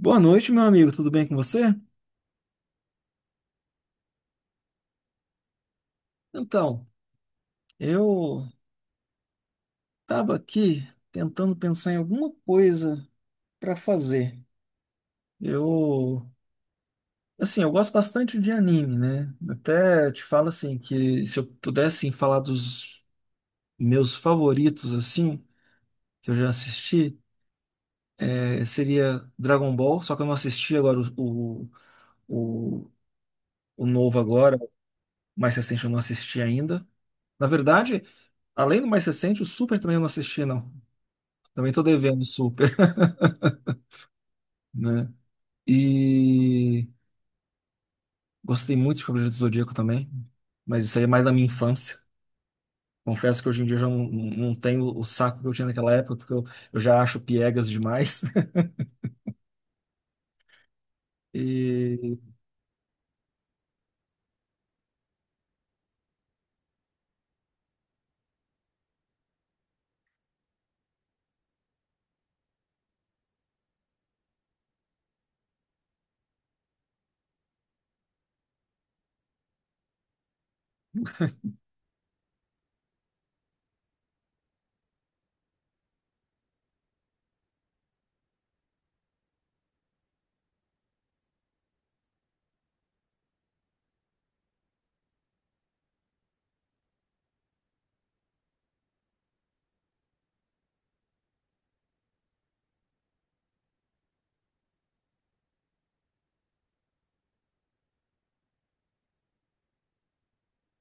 Boa noite, meu amigo. Tudo bem com você? Então, eu estava aqui tentando pensar em alguma coisa para fazer. Eu, assim, eu gosto bastante de anime, né? Até te falo assim que se eu pudesse falar dos meus favoritos assim, que eu já assisti, seria Dragon Ball, só que eu não assisti agora o, o o novo agora, o mais recente eu não assisti ainda. Na verdade, além do mais recente, o Super também eu não assisti, não. Também tô devendo super, né? E gostei muito de Cavaleiro do Zodíaco também, mas isso aí é mais da minha infância. Confesso que hoje em dia eu já não, não tenho o saco que eu tinha naquela época, porque eu já acho piegas demais. E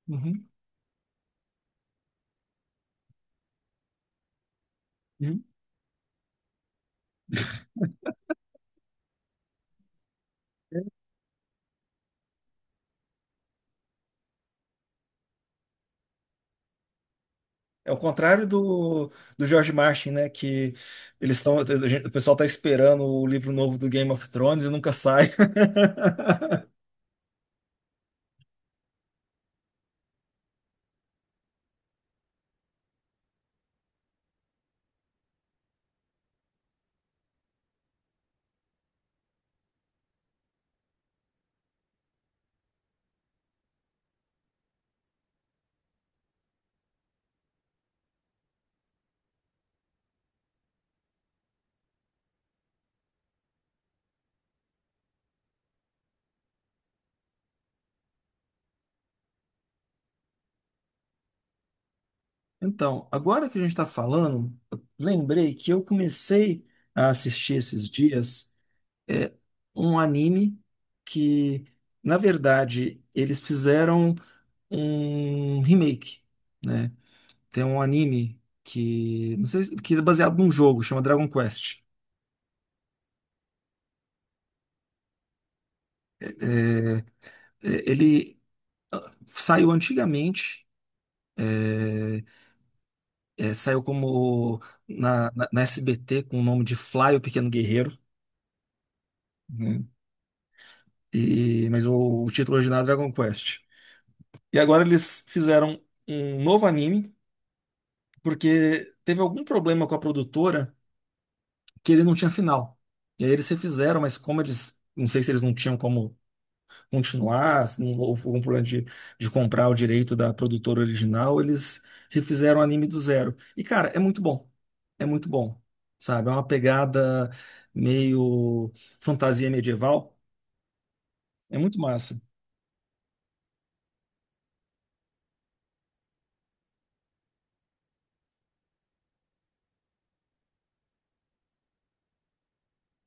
uhum, uhum. É o contrário do, do George Martin, né? Que eles estão, o pessoal tá esperando o livro novo do Game of Thrones e nunca sai. Então, agora que a gente está falando, eu lembrei que eu comecei a assistir esses dias. É um anime que, na verdade, eles fizeram um remake, né? Tem um anime que, não sei, que é baseado num jogo, chama Dragon Quest. É, é, ele ah, saiu antigamente, é, é, saiu como na SBT com o nome de Fly, o Pequeno Guerreiro, né? E, mas o título original é Dragon Quest. E agora eles fizeram um novo anime porque teve algum problema com a produtora que ele não tinha final. E aí eles refizeram, mas como eles, não sei se eles não tinham como continuar, se não houve algum problema de comprar o direito da produtora original, eles refizeram o anime do zero. E cara, é muito bom. É muito bom. Sabe? É uma pegada meio fantasia medieval. É muito massa.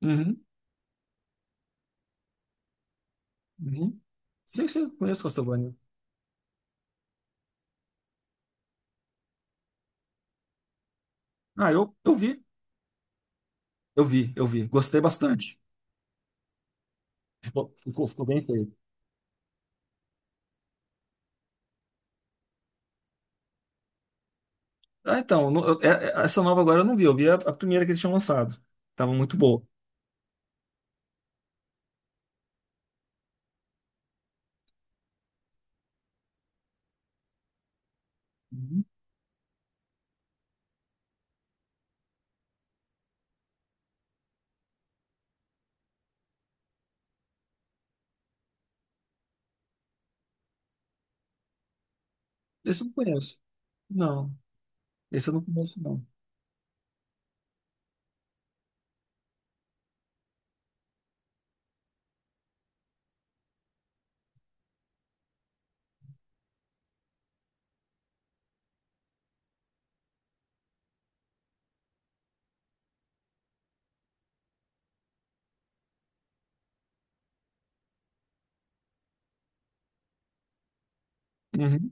Uhum, uhum. Sim, sim, conheço Castlevania. Ah, eu vi, eu vi. Gostei bastante. Ficou, ficou bem feito. Ah, então, essa nova agora eu não vi, eu vi a primeira que eles tinham lançado. Tava muito boa. Uhum. Esse eu não conheço. Não, esse eu não conheço, não. Uhum,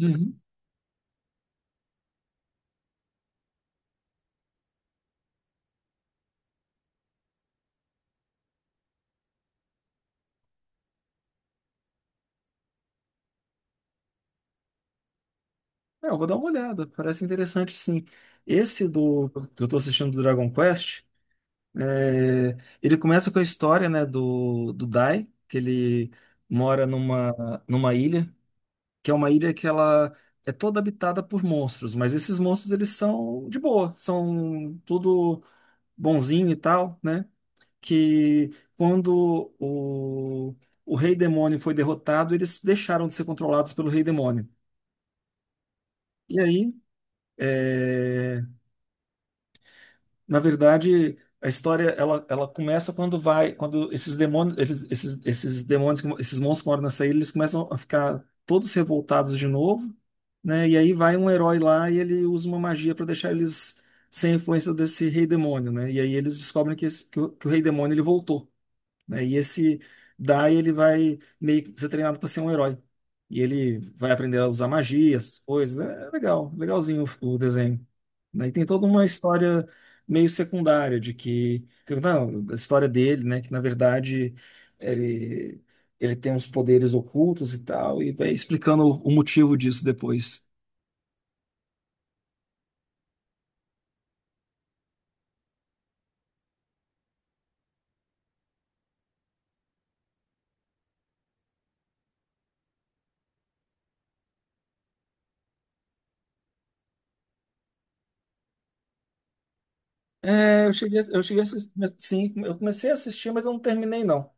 uhum. É, eu vou dar uma olhada, parece interessante sim. Esse do que eu tô assistindo do Dragon Quest, é, ele começa com a história, né, do, do Dai, que ele mora numa, numa ilha, que é uma ilha que ela é toda habitada por monstros, mas esses monstros eles são de boa, são tudo bonzinho e tal, né? Que quando o rei demônio foi derrotado, eles deixaram de ser controlados pelo rei demônio. E aí, é, na verdade, a história ela, ela começa quando vai, quando esses demônios, eles, esses demônios, que esses monstros que moram nessa ilha, eles começam a ficar todos revoltados de novo, né? E aí vai um herói lá e ele usa uma magia para deixar eles sem a influência desse rei demônio, né? E aí eles descobrem que, que o rei demônio ele voltou. Né? E esse Dai, ele vai meio que ser treinado para ser um herói. E ele vai aprender a usar magia, essas coisas. É é legal, legalzinho o desenho. Né? E tem toda uma história meio secundária de que, não, a história dele, né, que na verdade ele ele tem uns poderes ocultos e tal, e vai explicando o motivo disso depois. É, eu cheguei a assistir, sim, eu comecei a assistir, mas eu não terminei não.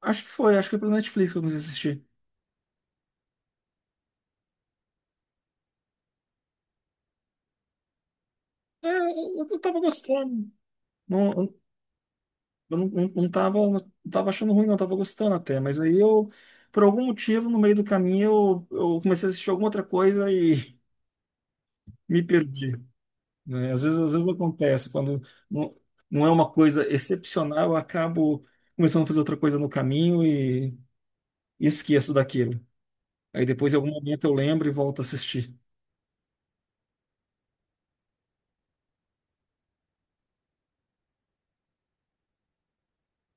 Acho que foi pelo Netflix que eu comecei a assistir. É, eu tava gostando. Não, não tava, não tava achando ruim, não, tava gostando até, mas aí eu, por algum motivo, no meio do caminho, eu comecei a assistir alguma outra coisa e me perdi, né? Às vezes acontece, quando não, não é uma coisa excepcional, eu acabo começando a fazer outra coisa no caminho e esqueço daquilo. Aí depois, em algum momento, eu lembro e volto a assistir.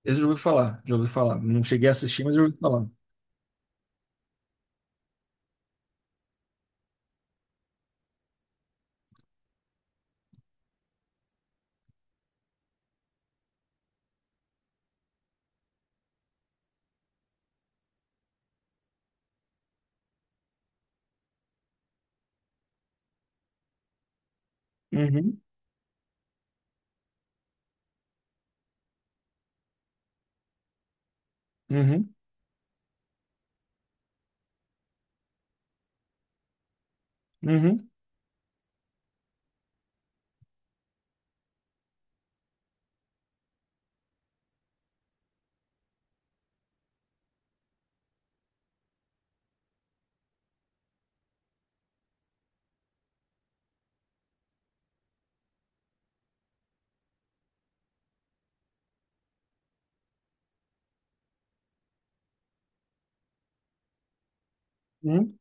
Esse eu já ouvi falar, já ouvi falar. Não cheguei a assistir, mas já ouvi falar. Uhum, uhum, uhum. Hum?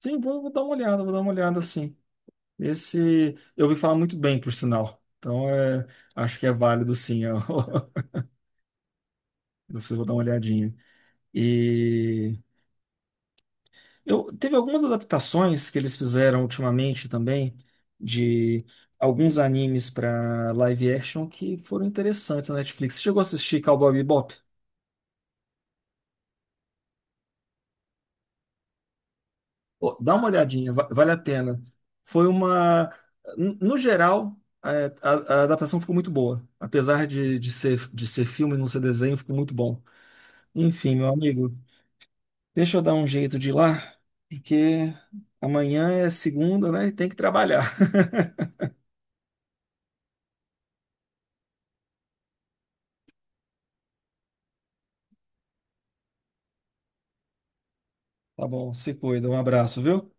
Sim, vou, vou dar uma olhada, vou dar uma olhada sim. Esse eu ouvi falar muito bem, por sinal. Então é, acho que é válido sim. Eu, eu vou dar uma olhadinha. E eu teve algumas adaptações que eles fizeram ultimamente também de alguns animes para live action que foram interessantes na Netflix. Você chegou a assistir Cowboy Bebop? Pô, dá uma olhadinha, vale a pena. Foi uma. No geral, é, a adaptação ficou muito boa. Apesar de ser filme e não ser desenho, ficou muito bom. Enfim, meu amigo, deixa eu dar um jeito de ir lá, porque amanhã é segunda, né? E tem que trabalhar. Tá bom, se cuida. Um abraço, viu?